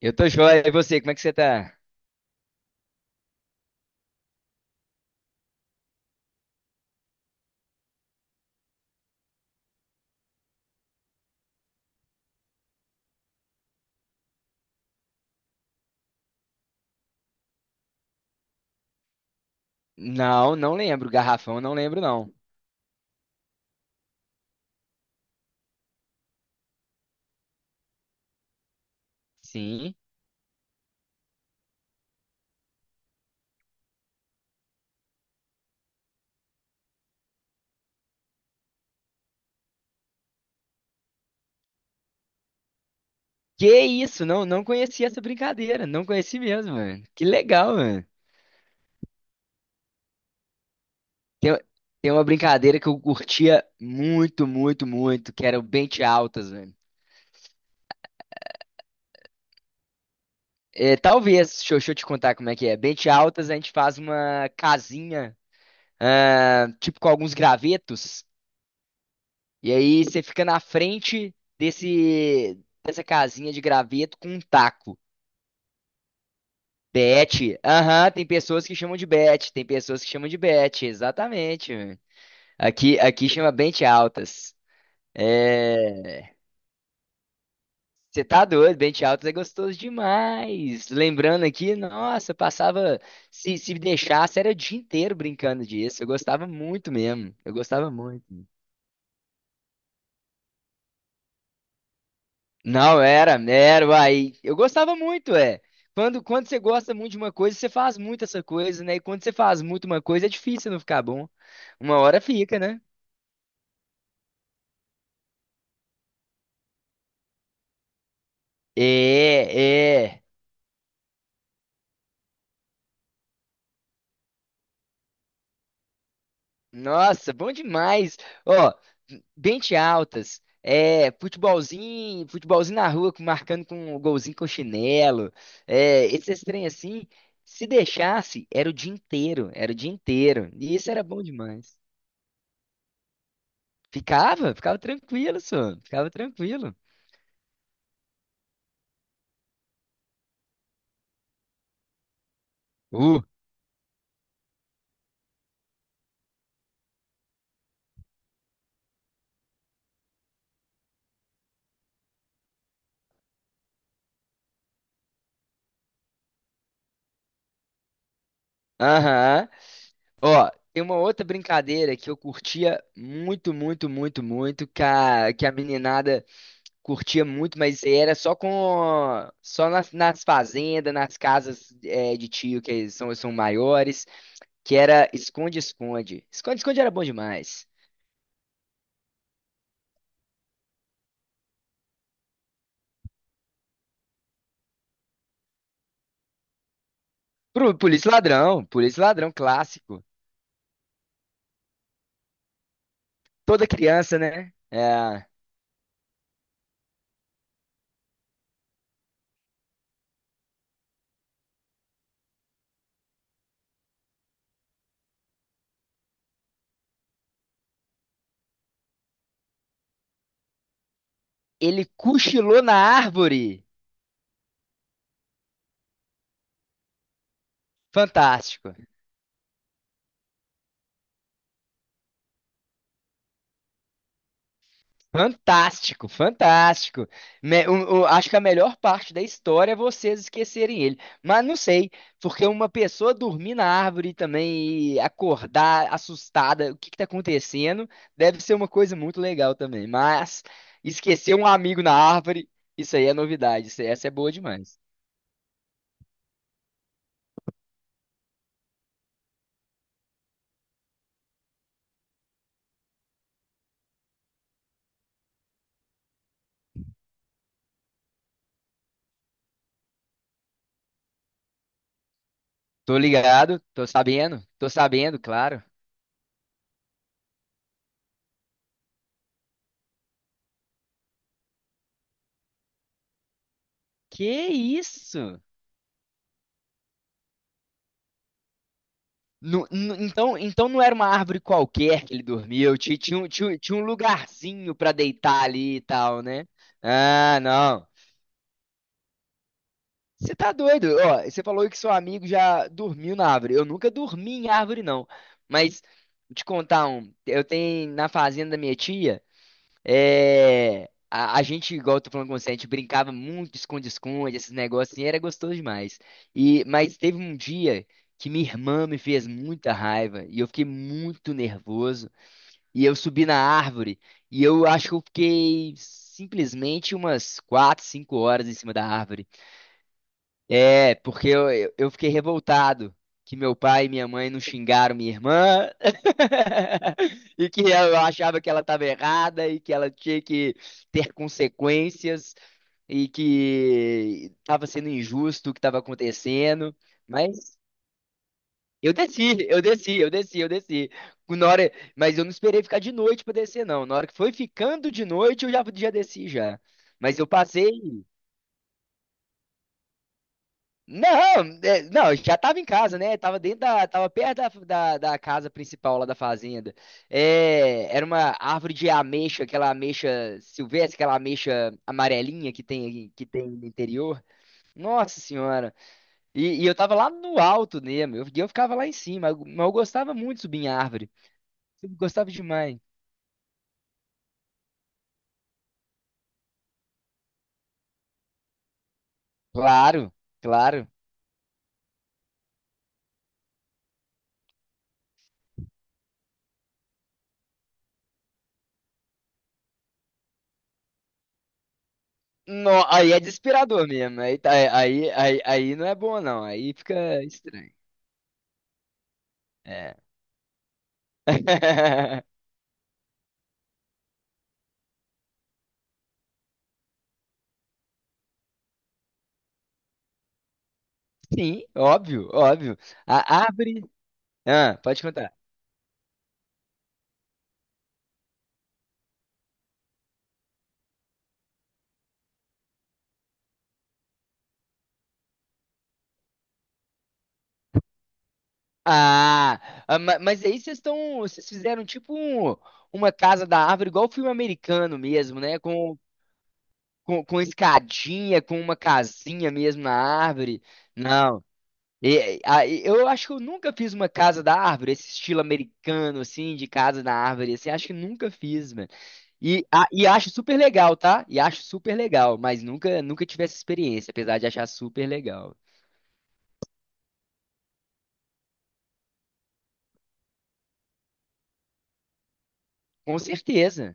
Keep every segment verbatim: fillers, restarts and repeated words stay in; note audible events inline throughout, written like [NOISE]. Eu tô joia. E você, como é que você tá? Não, não lembro. Garrafão, não lembro, não. Sim. Que isso? Não, não conhecia essa brincadeira. Não conheci mesmo, mano. Que legal, mano. Tem, tem uma brincadeira que eu curtia muito, muito, muito, que era o Bente Altas, mano. É, talvez, deixa eu, deixa eu te contar como é que é. Bente Altas, a gente faz uma casinha, ah, tipo com alguns gravetos, e aí você fica na frente desse, dessa casinha de graveto com um taco. Bet. Aham, tem pessoas que chamam de bet, tem pessoas que chamam de bet, exatamente. Mano. Aqui, aqui chama Bente altas. É, você tá doido, Bente altas é gostoso demais. Lembrando aqui, nossa, eu passava, se, se deixasse, era o dia inteiro brincando disso. Eu gostava muito mesmo, eu gostava muito. Não, era, era, uai. Eu gostava muito, é. Quando, quando você gosta muito de uma coisa, você faz muito essa coisa, né? E quando você faz muito uma coisa, é difícil não ficar bom. Uma hora fica, né? É, é. Nossa, bom demais. Ó, Bente altas. É, futebolzinho, futebolzinho na rua, com- marcando com o golzinho com chinelo. É, esses trem assim, se deixasse, era o dia inteiro, era o dia inteiro. E isso era bom demais. Ficava, ficava tranquilo, só, ficava tranquilo. Uh, aham. Ó, tem uma outra brincadeira que eu curtia muito, muito, muito, muito, que a, que a meninada curtia muito, mas era só com só nas, nas fazendas, nas casas é, de tio que são, são maiores, que era esconde-esconde. Esconde-esconde era bom demais. Pro polícia e ladrão, polícia e ladrão clássico. Toda criança, né? É, ele cochilou na árvore. Fantástico. Fantástico, fantástico. Me- o- o- acho que a melhor parte da história é vocês esquecerem ele. Mas não sei, porque uma pessoa dormir na árvore também e acordar assustada, o que que tá acontecendo, deve ser uma coisa muito legal também. Mas esquecer um amigo na árvore, isso aí é novidade. Isso- aí- essa é boa demais. Tô ligado, tô sabendo, tô sabendo, claro. Que isso? No- no- então, então não era uma árvore qualquer que ele dormiu, ti- tinha, um- tinha, um tinha um lugarzinho pra deitar ali e tal, né? Ah, não. Você tá doido? Ó, você falou que seu amigo já dormiu na árvore. Eu nunca dormi em árvore, não. Mas, vou te contar um. Eu tenho na fazenda da minha tia. É, a, a gente, igual eu tô falando com você, a gente brincava muito de esconde-esconde, esses negócios, assim, era gostoso demais. E, mas teve um dia que minha irmã me fez muita raiva e eu fiquei muito nervoso. E eu subi na árvore e eu acho que eu fiquei simplesmente umas quatro cinco horas em cima da árvore. É, porque eu, eu eu fiquei revoltado que meu pai e minha mãe não xingaram minha irmã [LAUGHS] e que eu achava que ela estava errada e que ela tinha que ter consequências e que estava sendo injusto o que estava acontecendo. Mas eu desci, eu desci, eu desci, eu desci. Na hora, mas eu não esperei ficar de noite para descer, não. Na hora que foi ficando de noite, eu já, já desci já. Mas eu passei. Não, é, não, eu já tava em casa, né? Tava dentro da, tava perto da, da, da casa principal lá da fazenda. É, era uma árvore de ameixa, aquela ameixa silvestre, aquela ameixa amarelinha que tem que tem no interior. Nossa senhora. E, e eu tava lá no alto mesmo. Eu, eu ficava lá em cima, mas eu gostava muito de subir em árvore. Eu gostava demais. Claro, claro. No, aí é desesperador mesmo. Aí, tá- aí, aí, aí não é bom não. Aí fica estranho. É. [LAUGHS] Sim, óbvio, óbvio. A árvore. Ah, pode contar. Ah, ah, ma- mas aí vocês estão. Vocês fizeram tipo um- uma casa da árvore, igual filme americano mesmo, né? Com, com, com escadinha, com uma casinha mesmo na árvore. Não. E- a- e- eu acho que eu nunca fiz uma casa da árvore, esse estilo americano, assim, de casa da árvore, assim, acho que nunca fiz, mano. E, a- e acho super legal, tá? E acho super legal, mas nunca, nunca tive essa experiência, apesar de achar super legal. Com certeza.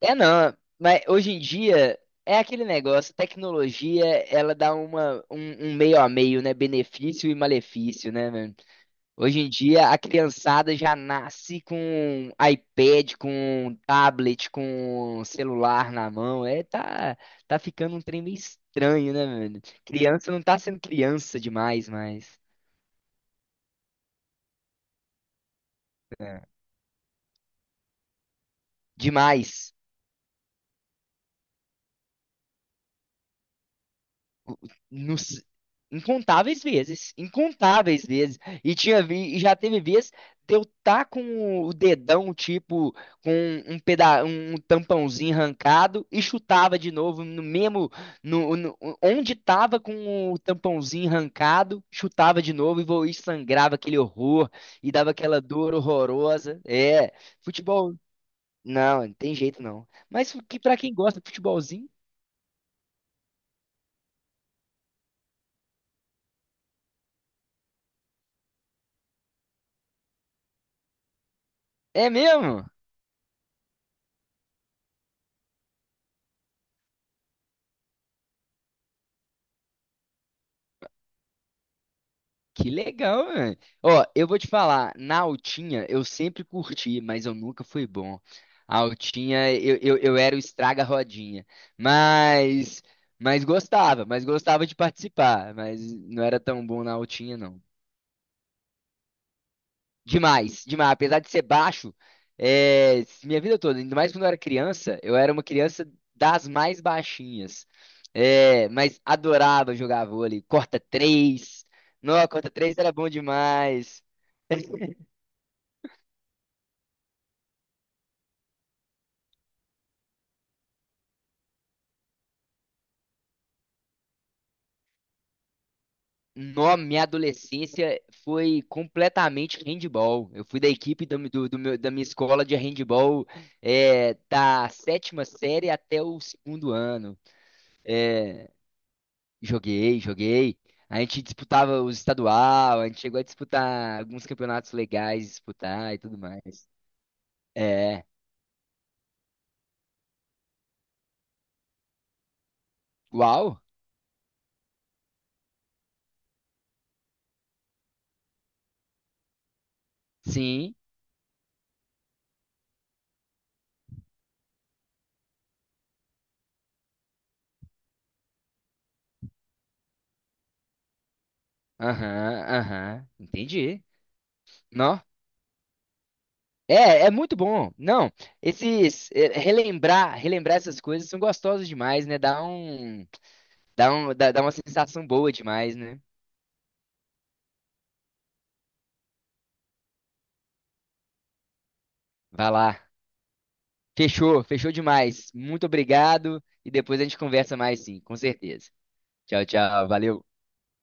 É não, mas hoje em dia é aquele negócio, tecnologia, ela dá uma, um, um meio a meio, né? Benefício e malefício, né, mano? Hoje em dia a criançada já nasce com iPad, com tablet, com celular na mão. É, tá, tá ficando um trem meio estranho, né, mano? Criança não tá sendo criança demais, mais. É. Demais. Nos- incontáveis vezes, incontáveis vezes. E tinha vi, e já teve vez de eu tá com o dedão, tipo, com um peda um tampãozinho arrancado e chutava de novo no mesmo no, no- onde tava com o tampãozinho arrancado, chutava de novo e, vo- e sangrava aquele horror e dava aquela dor horrorosa. É, futebol, não, não tem jeito não. Mas que para quem gosta de futebolzinho, é mesmo? Que legal, mano. Ó, eu vou te falar, na altinha eu sempre curti, mas eu nunca fui bom. A altinha, eu, eu, eu era o estraga-rodinha. Mas, mas gostava, mas gostava de participar. Mas não era tão bom na altinha, não. Demais, demais. Apesar de ser baixo, é, minha vida toda, ainda mais quando eu era criança, eu era uma criança das mais baixinhas. É, mas adorava jogar vôlei. Corta três. Não, corta três era bom demais. [LAUGHS] no minha adolescência foi completamente handball. Eu fui da equipe do, do- do meu- da minha escola de handball, é, da sétima série até o segundo ano. É, joguei, joguei. A gente disputava os estadual, a gente chegou a disputar alguns campeonatos legais, disputar e tudo mais. É, uau, sim, aham, aham, entendi. É, é muito bom. Não, esses é, relembrar, relembrar essas coisas são gostosas demais, né? Dá um, dá um, dá, dá uma sensação boa demais, né? Vai lá. Fechou, fechou demais. Muito obrigado e depois a gente conversa mais sim, com certeza. Tchau, tchau. Valeu.